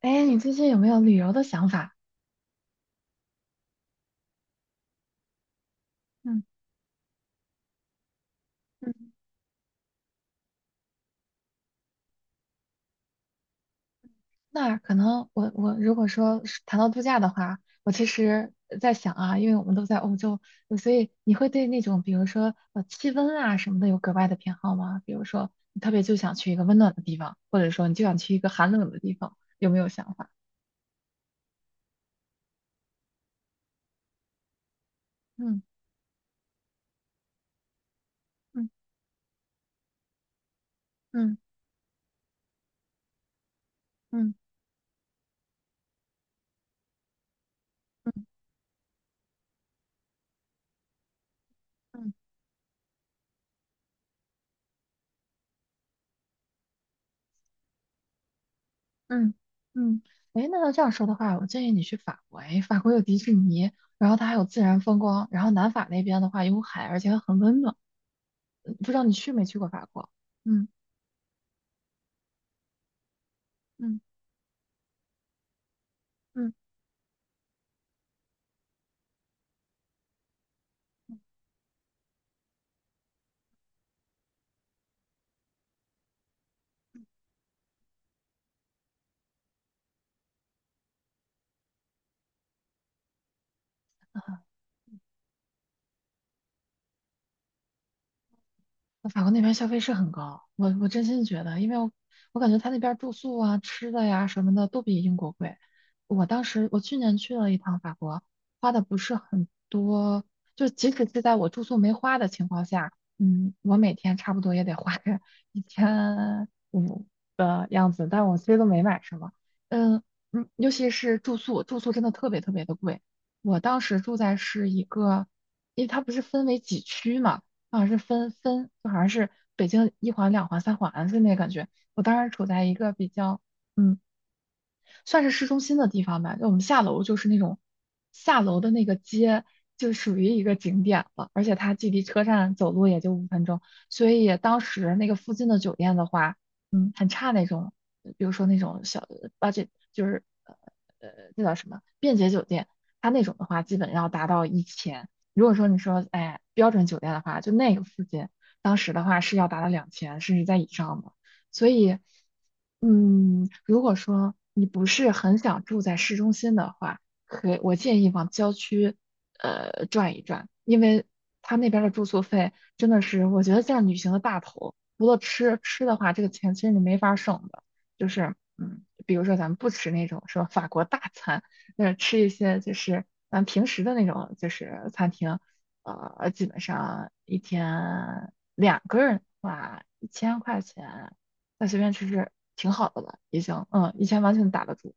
哎，你最近有没有旅游的想法？嗯嗯。那可能我如果说是谈到度假的话，我其实在想啊，因为我们都在欧洲，所以你会对那种比如说气温啊什么的有格外的偏好吗？比如说你特别就想去一个温暖的地方，或者说你就想去一个寒冷的地方，有没有想法？嗯嗯嗯嗯嗯嗯。嗯嗯，哎，那要这样说的话，我建议你去法国。哎，法国有迪士尼，然后它还有自然风光，然后南法那边的话有海，而且很温暖。嗯，不知道你去没去过法国？嗯嗯嗯，法国那边消费是很高，我真心觉得，因为我感觉他那边住宿啊、吃的呀什么的都比英国贵。我当时我去年去了一趟法国，花的不是很多，就即使是在我住宿没花的情况下，嗯，我每天差不多也得花个 1500的样子，但我其实都没买什么。嗯嗯，尤其是住宿，住宿真的特别特别的贵。我当时住在是一个，因为它不是分为几区嘛。好像是分，就好像是北京一环、两环、三环，的那感觉。我当时处在一个比较嗯算是市中心的地方吧。就我们下楼就是那种下楼的那个街，就属于一个景点了，而且它距离车站走路也就5分钟，所以当时那个附近的酒店的话，很差那种，比如说那种小 b u d 就是呃，那叫什么便捷酒店，它那种的话基本要达到一千。如果说你说哎标准酒店的话，就那个附近，当时的话是要达到两千甚至在以上的，所以。如果说你不是很想住在市中心的话，可以我建议往郊区，转一转，因为他那边儿的住宿费真的是，我觉得占旅行的大头。除了吃，吃的话，这个钱其实你没法儿省的。就是，比如说咱们不吃那种什么法国大餐，那吃一些就是咱平时的那种就是餐厅，基本上一天两个人的话，1000块钱。那随便吃吃，挺好的了，已经，以前完全打得住，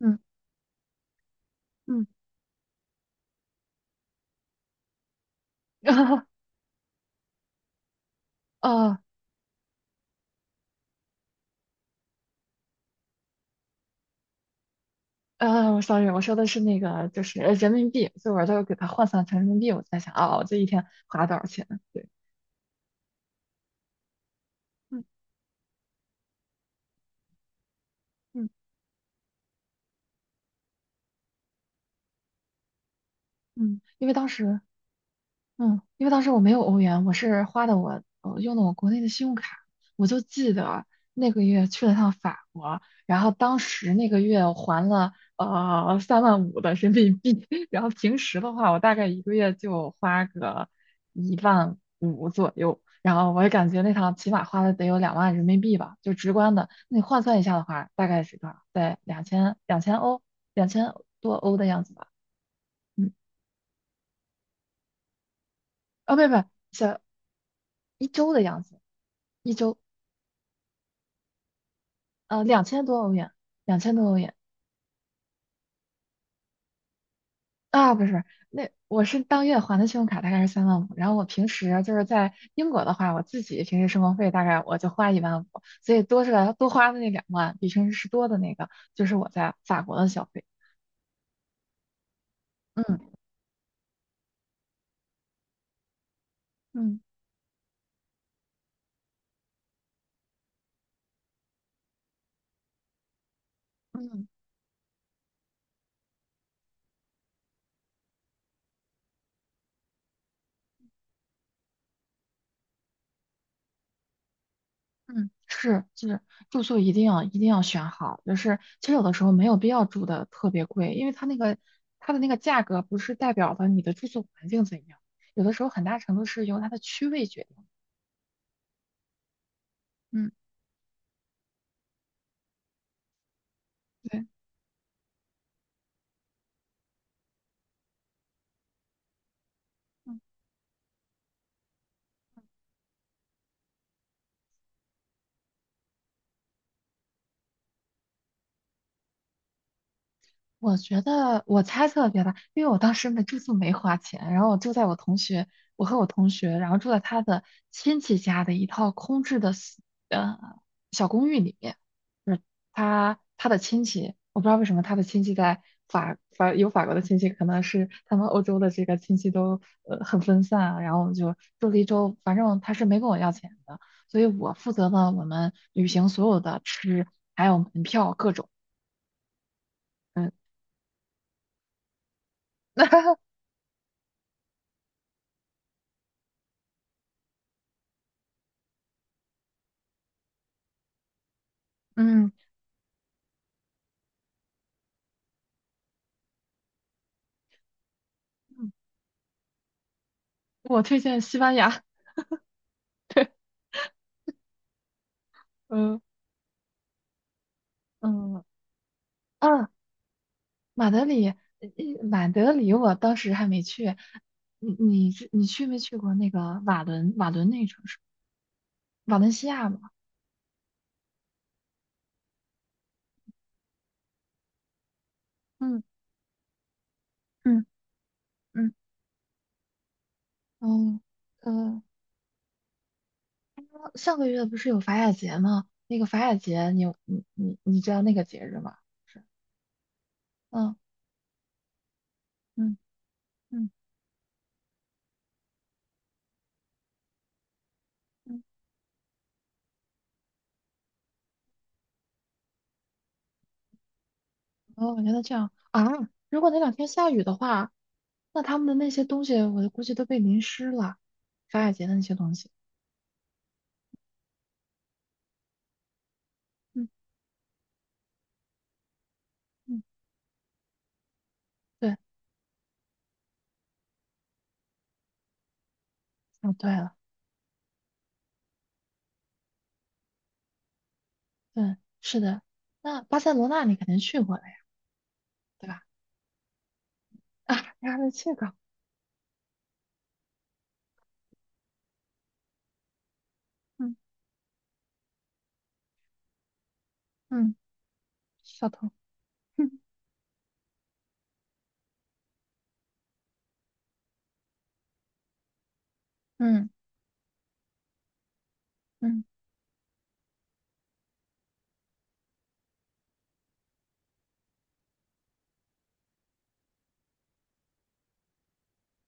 嗯嗯，啊！sorry，我说的是那个就是人民币，所以我就给它换算成人民币，我在想，啊，我这一天花了多少钱？对，嗯嗯嗯，因为当时我没有欧元，我是花的我用的我国内的信用卡，我就记得那个月去了趟法国，然后当时那个月我还了三万五的人民币，然后平时的话我大概一个月就花个一万五左右，然后我也感觉那趟起码花了得有两万人民币吧，就直观的，那你换算一下的话，大概是多少？在两千欧两千多欧的样子吧，嗯，哦，不不，是一周的样子。一周两千多欧元，两千多欧元啊，不是，那我是当月还的信用卡大概是三万五，然后我平时就是在英国的话，我自己平时生活费大概我就花一万五，所以多出来多花的那两万，比平时是多的那个，就是我在法国的消费。嗯嗯嗯嗯，是是，住宿一定要一定要选好，就是其实有的时候没有必要住的特别贵，因为它那个它的那个价格不是代表的你的住宿环境怎样，有的时候很大程度是由它的区位决定。嗯。对，嗯我觉得我猜测别的，因为我当时没住宿没花钱，然后我住在我同学，我和我同学，然后住在他的亲戚家的一套空置的呃小公寓里面，就是他的亲戚，我不知道为什么他的亲戚在法有法国的亲戚，可能是他们欧洲的这个亲戚都很分散啊，然后我们就住了一周，反正他是没跟我要钱的，所以我负责了我们旅行所有的吃，还有门票各种。嗯。嗯，嗯我推荐西班牙。嗯嗯，啊，马德里，马德里，我当时还没去。你是你去没去过那个瓦伦那个城市？瓦伦西亚吗？嗯嗯嗯嗯，呃，上个月不是有法雅节吗？那个法雅节你有你知道那个节日吗？是，嗯嗯嗯嗯。哦，原来这样啊！如果那两天下雨的话，那他们的那些东西，我估计都被淋湿了，法雅节的那些东西。嗯嗯，对，哦对了，对，是的。那巴塞罗那你肯定去过了呀，对吧？啊，你还没去过。嗯嗯，小童，嗯嗯。嗯，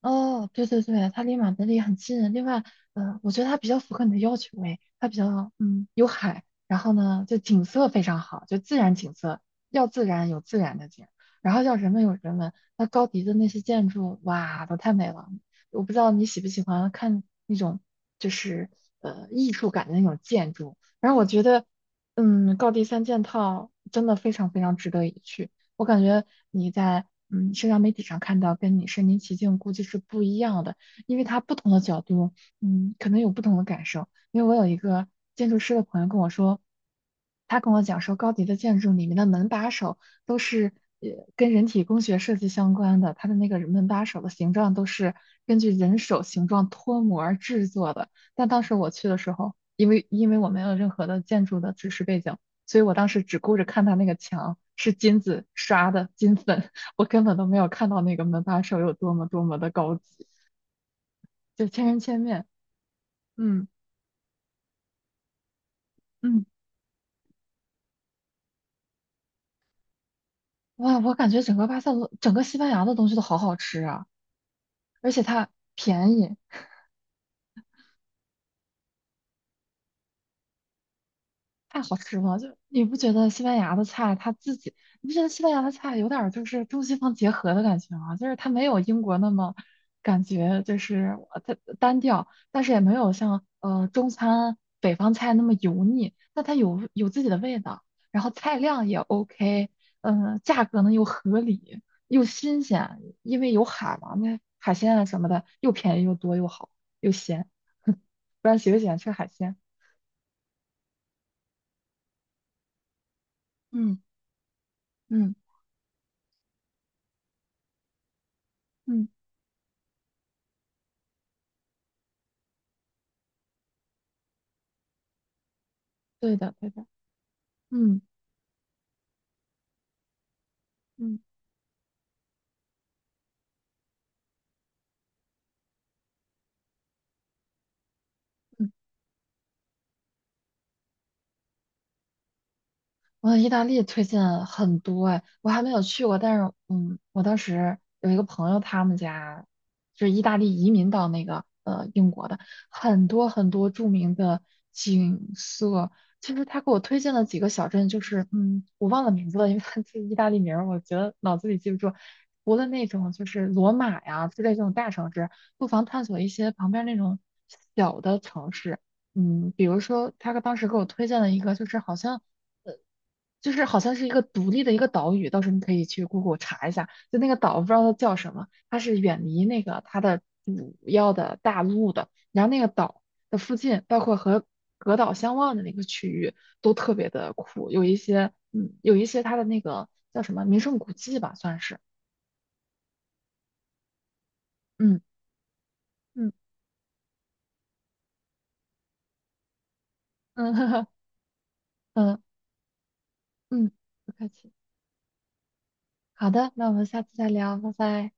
哦，对对对，它离马德里很近。另外，嗯，我觉得它比较符合你的要求诶，它比较有海，然后呢就景色非常好，就自然景色，要自然有自然的景，然后要人文有人文。那高迪的那些建筑，哇，都太美了。我不知道你喜不喜欢看那种就是艺术感的那种建筑。然后我觉得，高迪三件套真的非常非常值得一去。我感觉你在社交媒体上看到跟你身临其境估计是不一样的，因为它不同的角度，可能有不同的感受。因为我有一个建筑师的朋友跟我说，他跟我讲说，高迪的建筑里面的门把手都是呃跟人体工学设计相关的，它的那个门把手的形状都是根据人手形状脱模儿制作的。但当时我去的时候，因为我没有任何的建筑的知识背景。所以我当时只顾着看他那个墙是金子刷的金粉，我根本都没有看到那个门把手有多么多么的高级，就千人千面。嗯嗯，哇，我感觉整个巴塞罗，整个西班牙的东西都好好吃啊，而且它便宜，太好吃了，就你不觉得西班牙的菜它自己，你不觉得西班牙的菜有点儿就是中西方结合的感觉吗？就是它没有英国那么感觉就是它单调，但是也没有像中餐北方菜那么油腻，但它有自己的味道，然后菜量也 OK，价格呢又合理又新鲜，因为有海嘛，那海鲜啊什么的又便宜又多又好又鲜，不然喜不喜欢吃海鲜？嗯嗯嗯，对的对的。嗯嗯嗯，我意大利推荐很多哎，我还没有去过，但是我当时有一个朋友，他们家就是意大利移民到那个英国的，很多很多著名的景色。其实他给我推荐了几个小镇，就是我忘了名字了，因为他这意大利名儿，我觉得脑子里记不住。除了那种就是罗马呀之类这种大城市，不妨探索一些旁边那种小的城市。嗯，比如说他当时给我推荐了一个，就是好像。就是好像是一个独立的一个岛屿，到时候你可以去 Google 查一下，就那个岛不知道它叫什么，它是远离那个它的主要的大陆的，然后那个岛的附近，包括和隔岛相望的那个区域都特别的酷，有一些它的那个叫什么名胜古迹吧，算是，嗯嗯嗯 嗯嗯，不客气，好的，那我们下次再聊，拜拜。